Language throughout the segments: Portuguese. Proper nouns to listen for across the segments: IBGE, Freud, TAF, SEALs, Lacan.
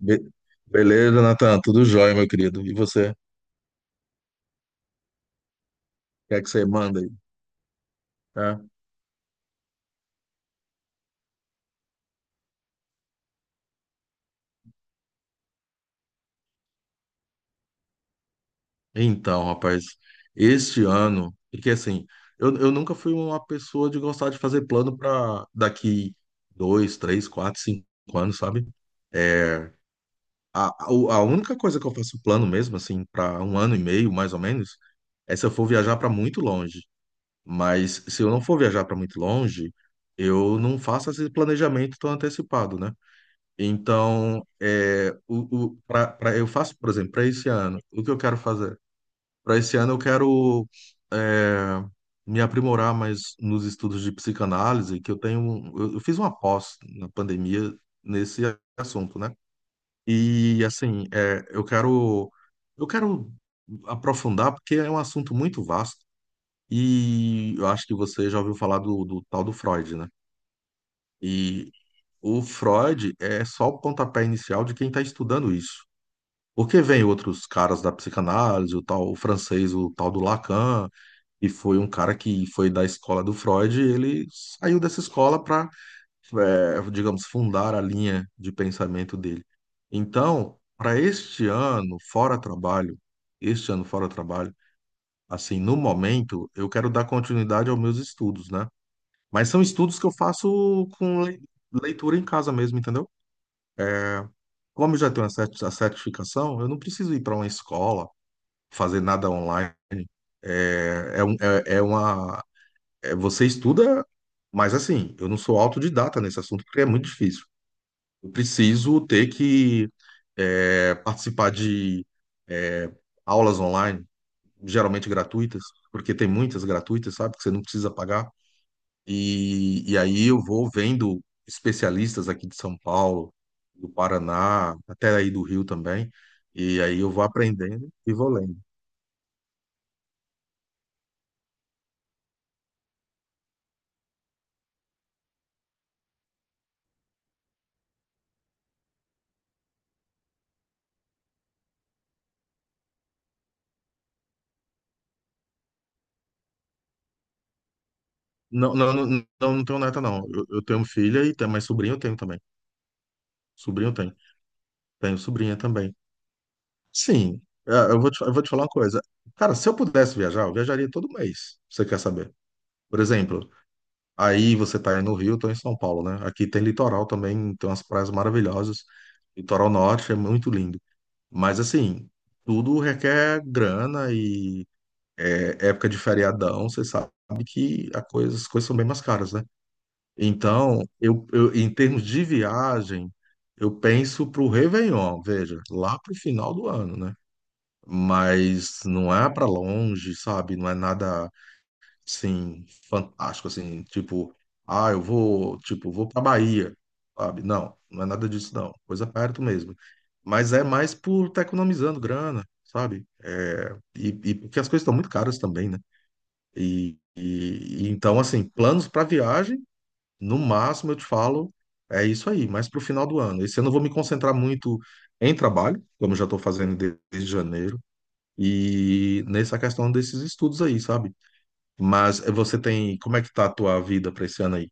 Be- Beleza, Natan? Tudo jóia, meu querido. E você? O que é que você manda aí? Tá? Então, rapaz, este ano, porque assim, eu nunca fui uma pessoa de gostar de fazer plano para daqui 2, 3, 4, 5 anos, sabe? É, a única coisa que eu faço plano mesmo, assim, para um ano e meio, mais ou menos, é se eu for viajar para muito longe. Mas se eu não for viajar para muito longe, eu não faço esse planejamento tão antecipado, né? Então, eu faço, por exemplo, para esse ano, o que eu quero fazer? Para esse ano, eu quero é, me aprimorar mais nos estudos de psicanálise, que eu tenho. Eu fiz uma pós na pandemia nesse assunto, né? E, assim, eu quero aprofundar, porque é um assunto muito vasto. E eu acho que você já ouviu falar do tal do Freud, né? E o Freud é só o pontapé inicial de quem está estudando isso. Porque vem outros caras da psicanálise, o tal o francês, o tal do Lacan, e foi um cara que foi da escola do Freud, e ele saiu dessa escola para, digamos, fundar a linha de pensamento dele. Então, para este ano, fora trabalho, este ano fora trabalho, assim, no momento, eu quero dar continuidade aos meus estudos, né? Mas são estudos que eu faço com leitura em casa mesmo, entendeu? Como eu já tenho a certificação, eu não preciso ir para uma escola fazer nada online. É, é, um- é- é uma. Você estuda, mas assim, eu não sou autodidata nesse assunto porque é muito difícil. Eu preciso ter que participar de é, aulas online, geralmente gratuitas, porque tem muitas gratuitas, sabe? Que você não precisa pagar. E aí eu vou vendo especialistas aqui de São Paulo, do Paraná, até aí do Rio também. E aí eu vou aprendendo e vou lendo. Não, não, não, não, não tenho neta, não. Eu tenho filha e tenho, mas sobrinho eu tenho também. Sobrinho eu tenho. Tenho sobrinha também. Sim, eu vou te falar uma coisa. Cara, se eu pudesse viajar, eu viajaria todo mês. Você quer saber? Por exemplo, aí você tá aí no Rio, eu tô em São Paulo, né? Aqui tem litoral também, tem umas praias maravilhosas. Litoral norte é muito lindo. Mas assim, tudo requer grana e época de feriadão, você sabe que as coisas são bem mais caras, né? Então, em termos de viagem, eu penso para o Réveillon, veja, lá para o final do ano, né? Mas não é para longe, sabe? Não é nada assim fantástico, assim, tipo, ah, tipo, vou para Bahia, sabe? Não, não é nada disso, não. Coisa perto mesmo. Mas é mais por estar economizando grana, sabe? É, e porque as coisas estão muito caras também, né? E então, assim, planos para viagem. No máximo, eu te falo, é isso aí, mas para o final do ano. Esse ano eu vou me concentrar muito em trabalho, como eu já estou fazendo desde janeiro, e nessa questão desses estudos aí, sabe? Mas você tem. Como é que tá a tua vida para esse ano aí?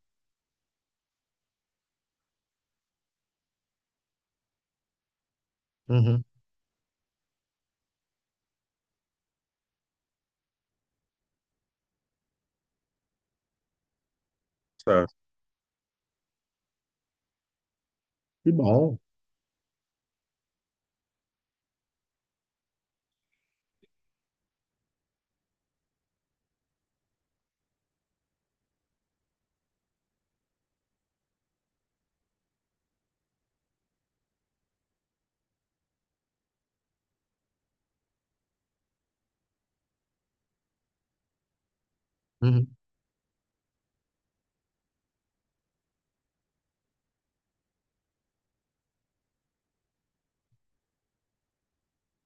Uhum, certo. Que bom. Uhum,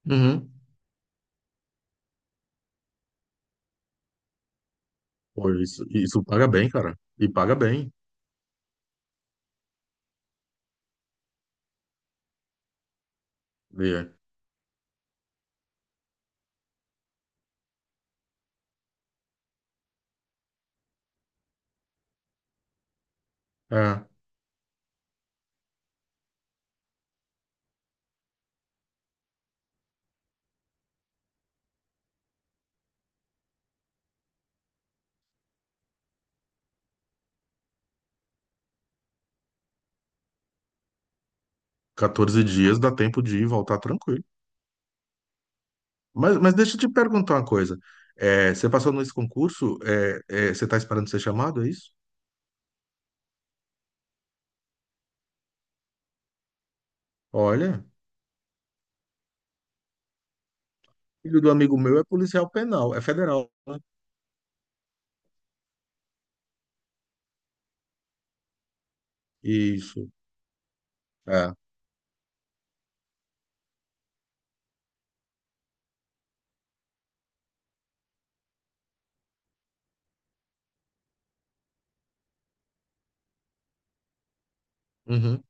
uhum. Pô, isso paga bem, cara. E paga bem. E, é, 14 dias dá tempo de ir e voltar tranquilo. Mas deixa eu te perguntar uma coisa. Você passou nesse concurso, você está esperando ser chamado, é isso? Olha, filho do amigo meu é policial penal, é federal, né? Isso, é. Uhum.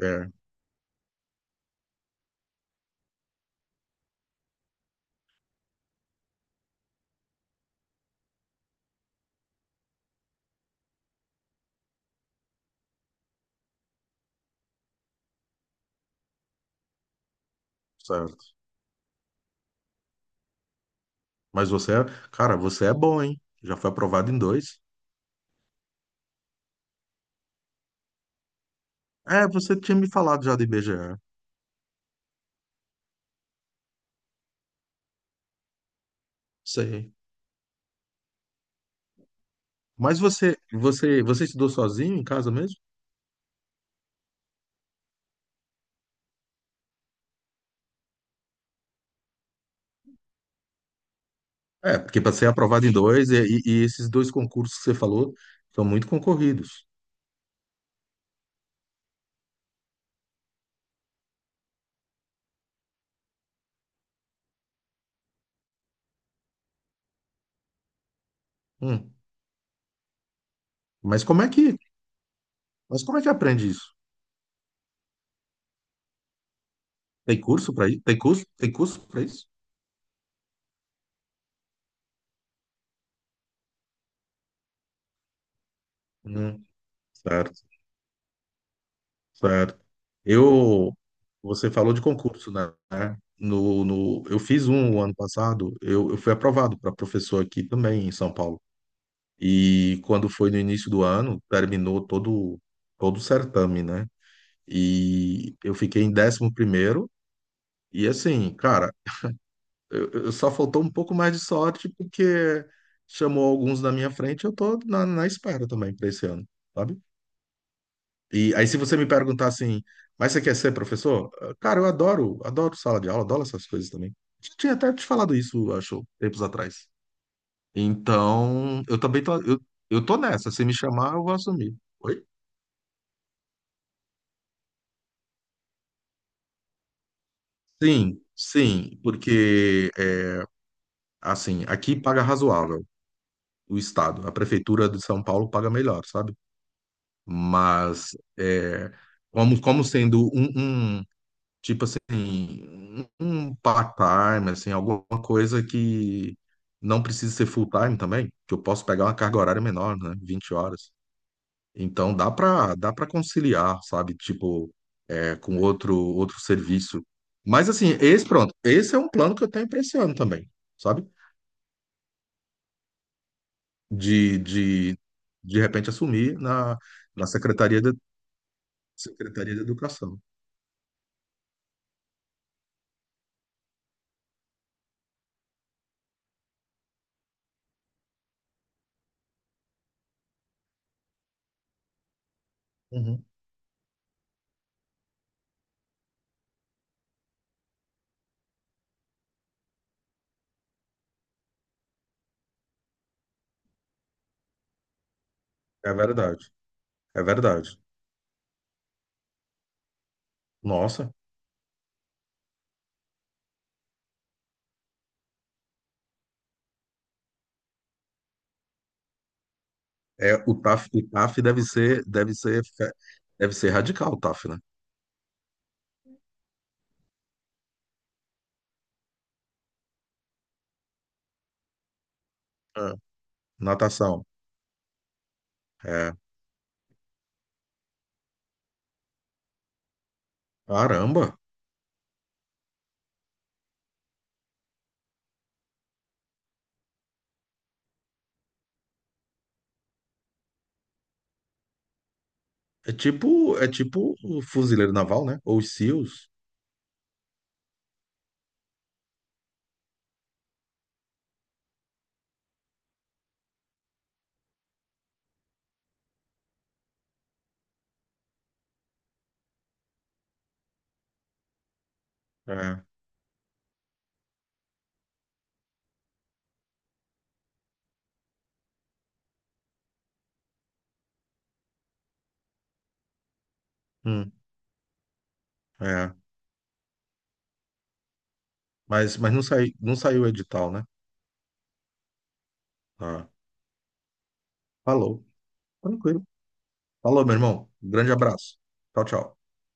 É, certo. Mas cara, você é bom, hein? Já foi aprovado em dois. É, você tinha me falado já do IBGE. Sei. Mas você estudou sozinho em casa mesmo? É, porque para ser aprovado em dois, e esses dois concursos que você falou são muito concorridos. Hum. Mas mas como é que aprende isso? Tem curso para isso? Tem curso? Tem curso para isso? Hum. Certo. Certo. Eu, Você falou de concurso, né? No, no, eu fiz um ano passado, eu fui aprovado para professor aqui também em São Paulo. E quando foi no início do ano, terminou todo o certame, né? E eu fiquei em 11º. E assim, cara, eu só faltou um pouco mais de sorte porque chamou alguns na minha frente, eu tô na espera também para esse ano, sabe? E aí, se você me perguntar assim, mas você quer ser professor? Cara, eu adoro, adoro sala de aula, adoro essas coisas também. Já tinha até te falado isso, acho, tempos atrás. Então, eu também tô, eu tô nessa. Se me chamar, eu vou assumir. Oi? Sim, sim, porque, assim, aqui paga razoável o Estado. A Prefeitura de São Paulo paga melhor, sabe? Mas, como sendo um, um Tipo assim, um part-time, assim, alguma coisa que não precisa ser full-time também, que eu posso pegar uma carga horária menor, né? 20 horas. Então dá para conciliar, sabe? Tipo, com outro serviço. Mas assim, pronto, esse é um plano que eu tenho pra esse ano também, sabe? De, de, de repente assumir na Secretaria de Educação. Uhum. É verdade, é verdade. Nossa. O TAF deve ser radical, o TAF, né? É. Natação. É. Caramba. É tipo o fuzileiro naval, né? Ou os SEALs. É. Hum. É. Mas não saiu o edital, né? Ah. Falou. Tranquilo. Falou, meu irmão. Grande abraço. Tchau, tchau.